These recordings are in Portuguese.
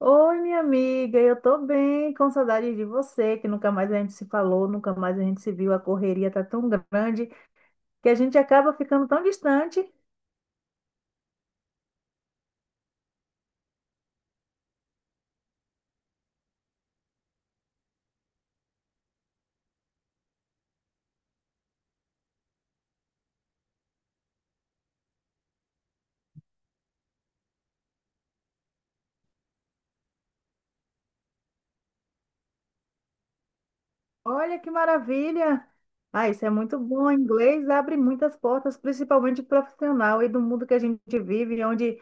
Oi, minha amiga, eu tô bem, com saudade de você, que nunca mais a gente se falou, nunca mais a gente se viu, a correria tá tão grande que a gente acaba ficando tão distante. Olha que maravilha! Ah, isso é muito bom. O inglês abre muitas portas, principalmente profissional e do mundo que a gente vive, onde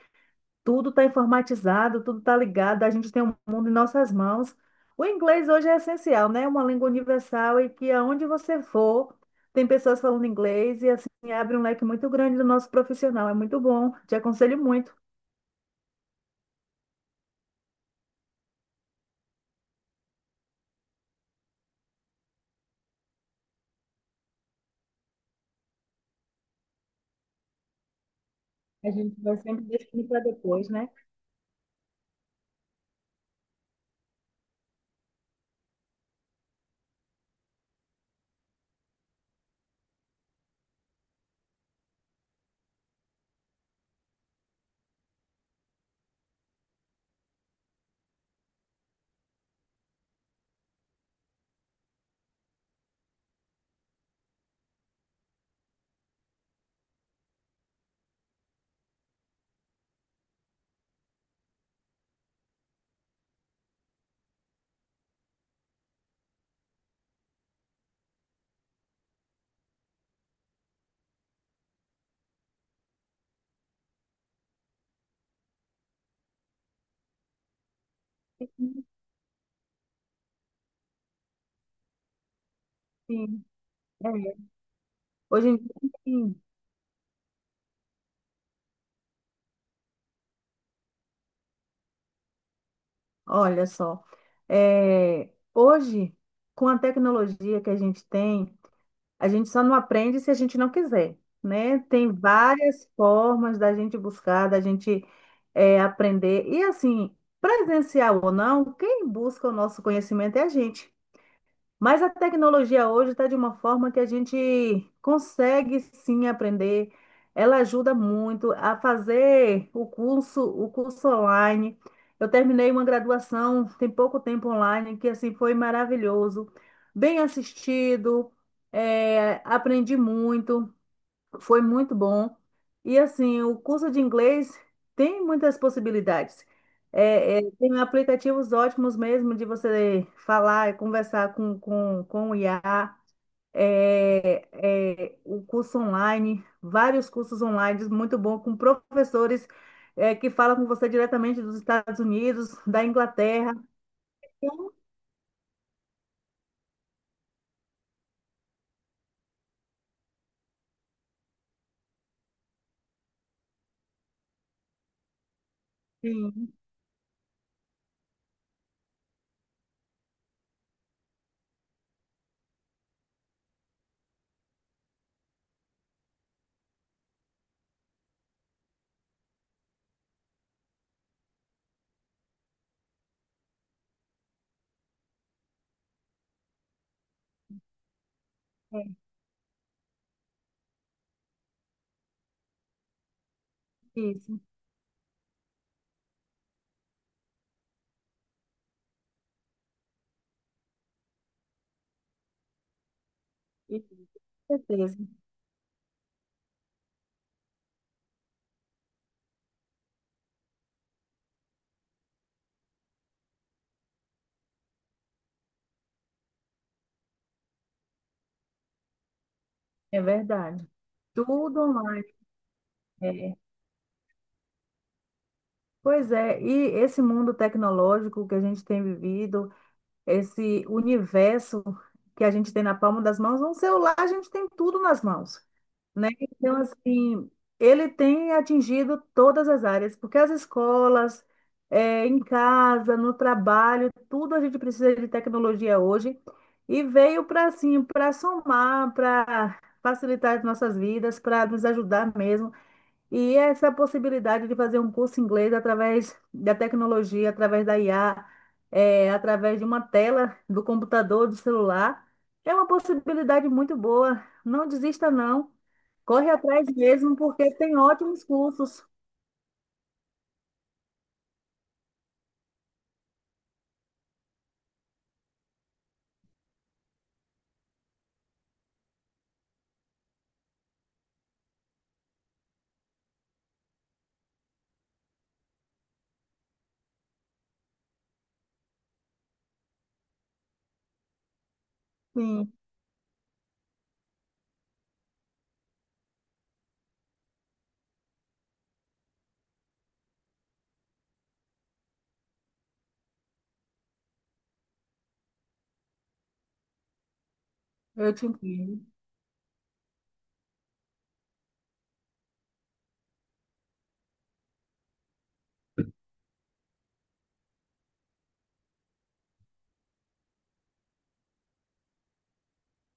tudo está informatizado, tudo está ligado, a gente tem o mundo em nossas mãos. O inglês hoje é essencial, né? É uma língua universal e que aonde você for, tem pessoas falando inglês e assim abre um leque muito grande do nosso profissional. É muito bom, te aconselho muito. A gente vai sempre deixando para depois, né? Sim. É. Hoje em dia, sim. Olha só, hoje, com a tecnologia que a gente tem, a gente só não aprende se a gente não quiser, né? Tem várias formas da gente buscar, da gente aprender. E assim, presencial ou não, quem busca o nosso conhecimento é a gente. Mas a tecnologia hoje está de uma forma que a gente consegue sim aprender. Ela ajuda muito a fazer o curso online. Eu terminei uma graduação tem pouco tempo online, que assim foi maravilhoso, bem assistido, aprendi muito. Foi muito bom. E assim, o curso de inglês tem muitas possibilidades. É, tem aplicativos ótimos mesmo de você falar e conversar com o IA. É, é, o curso online, vários cursos online muito bom com professores que falam com você diretamente dos Estados Unidos, da Inglaterra. Sim, é, isso, isso, com certeza, é verdade. Tudo online. É. Pois é, e esse mundo tecnológico que a gente tem vivido, esse universo que a gente tem na palma das mãos, um celular a gente tem tudo nas mãos, né? Então, assim, ele tem atingido todas as áreas, porque as escolas, em casa, no trabalho, tudo a gente precisa de tecnologia hoje, e veio para, assim, para somar, para facilitar as nossas vidas, para nos ajudar mesmo. E essa possibilidade de fazer um curso em inglês através da tecnologia, através da IA, através de uma tela do computador, do celular, é uma possibilidade muito boa. Não desista, não. Corre atrás mesmo, porque tem ótimos cursos. Sim, eu te entendo.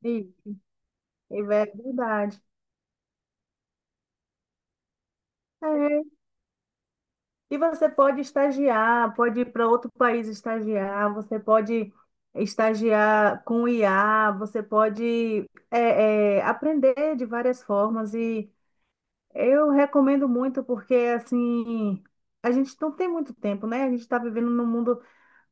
Sim, é verdade. É. E você pode estagiar, pode ir para outro país estagiar, você pode estagiar com IA, você pode aprender de várias formas. E eu recomendo muito porque, assim, a gente não tem muito tempo, né? A gente está vivendo num mundo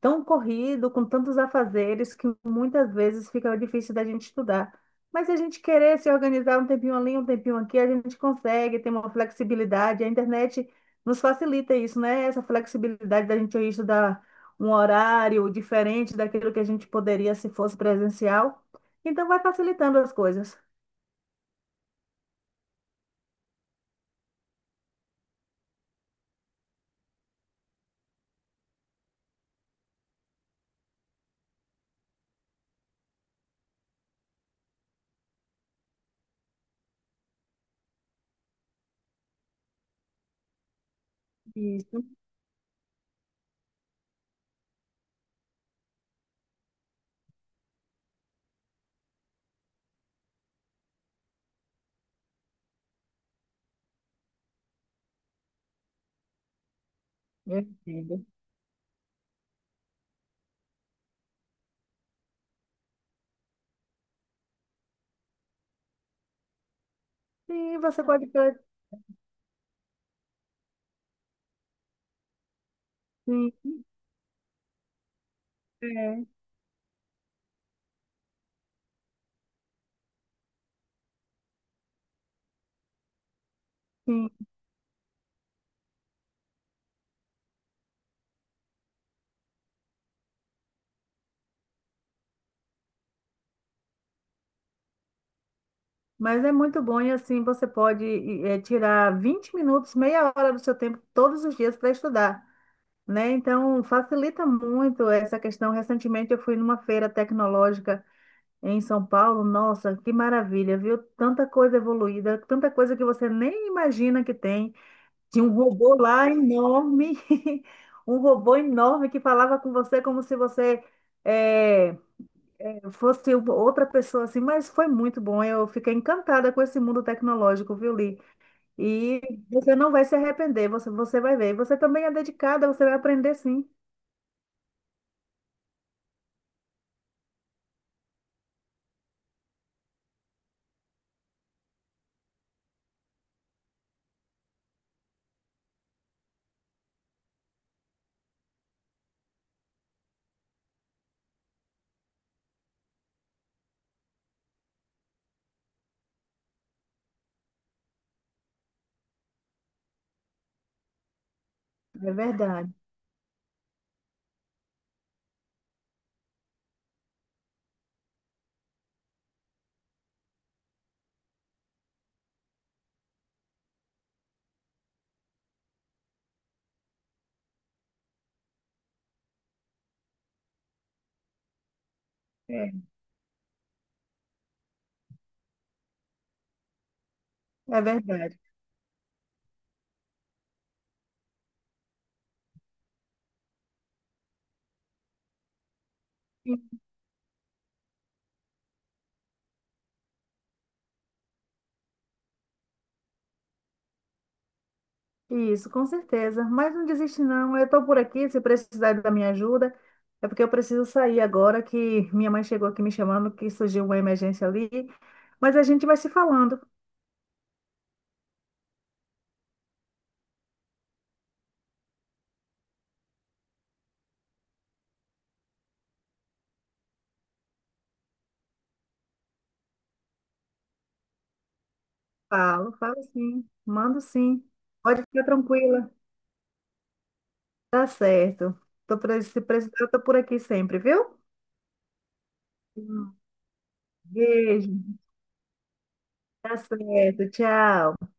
tão corrido, com tantos afazeres, que muitas vezes fica difícil da gente estudar. Mas se a gente querer se organizar um tempinho ali, um tempinho aqui, a gente consegue, tem uma flexibilidade. A internet nos facilita isso, né? Essa flexibilidade da gente ir estudar um horário diferente daquilo que a gente poderia se fosse presencial. Então, vai facilitando as coisas. Isso, eu entendo. Sim, você pode. Sim, É, sim. Mas é muito bom e assim você pode tirar 20 minutos, meia hora do seu tempo todos os dias para estudar, né? Então facilita muito essa questão. Recentemente eu fui numa feira tecnológica em São Paulo. Nossa, que maravilha, viu? Tanta coisa evoluída, tanta coisa que você nem imagina que tem. Tinha um robô lá enorme, um robô enorme que falava com você como se você é, eu fosse outra pessoa assim, mas foi muito bom. Eu fiquei encantada com esse mundo tecnológico, viu, Li? E você não vai se arrepender, você vai ver. Você também é dedicada, você vai aprender sim. É verdade. É, é verdade. E- Isso, com certeza. Mas não desiste, não. Eu estou por aqui, se precisar da minha ajuda. É porque eu preciso sair agora, que minha mãe chegou aqui me chamando, que surgiu uma emergência ali. Mas a gente vai se falando. Falo, falo sim, mando sim. Pode ficar tranquila. Tá certo. Se precisar, eu tô por aqui sempre, viu? Hum. Beijo. Tá certo. Tchau.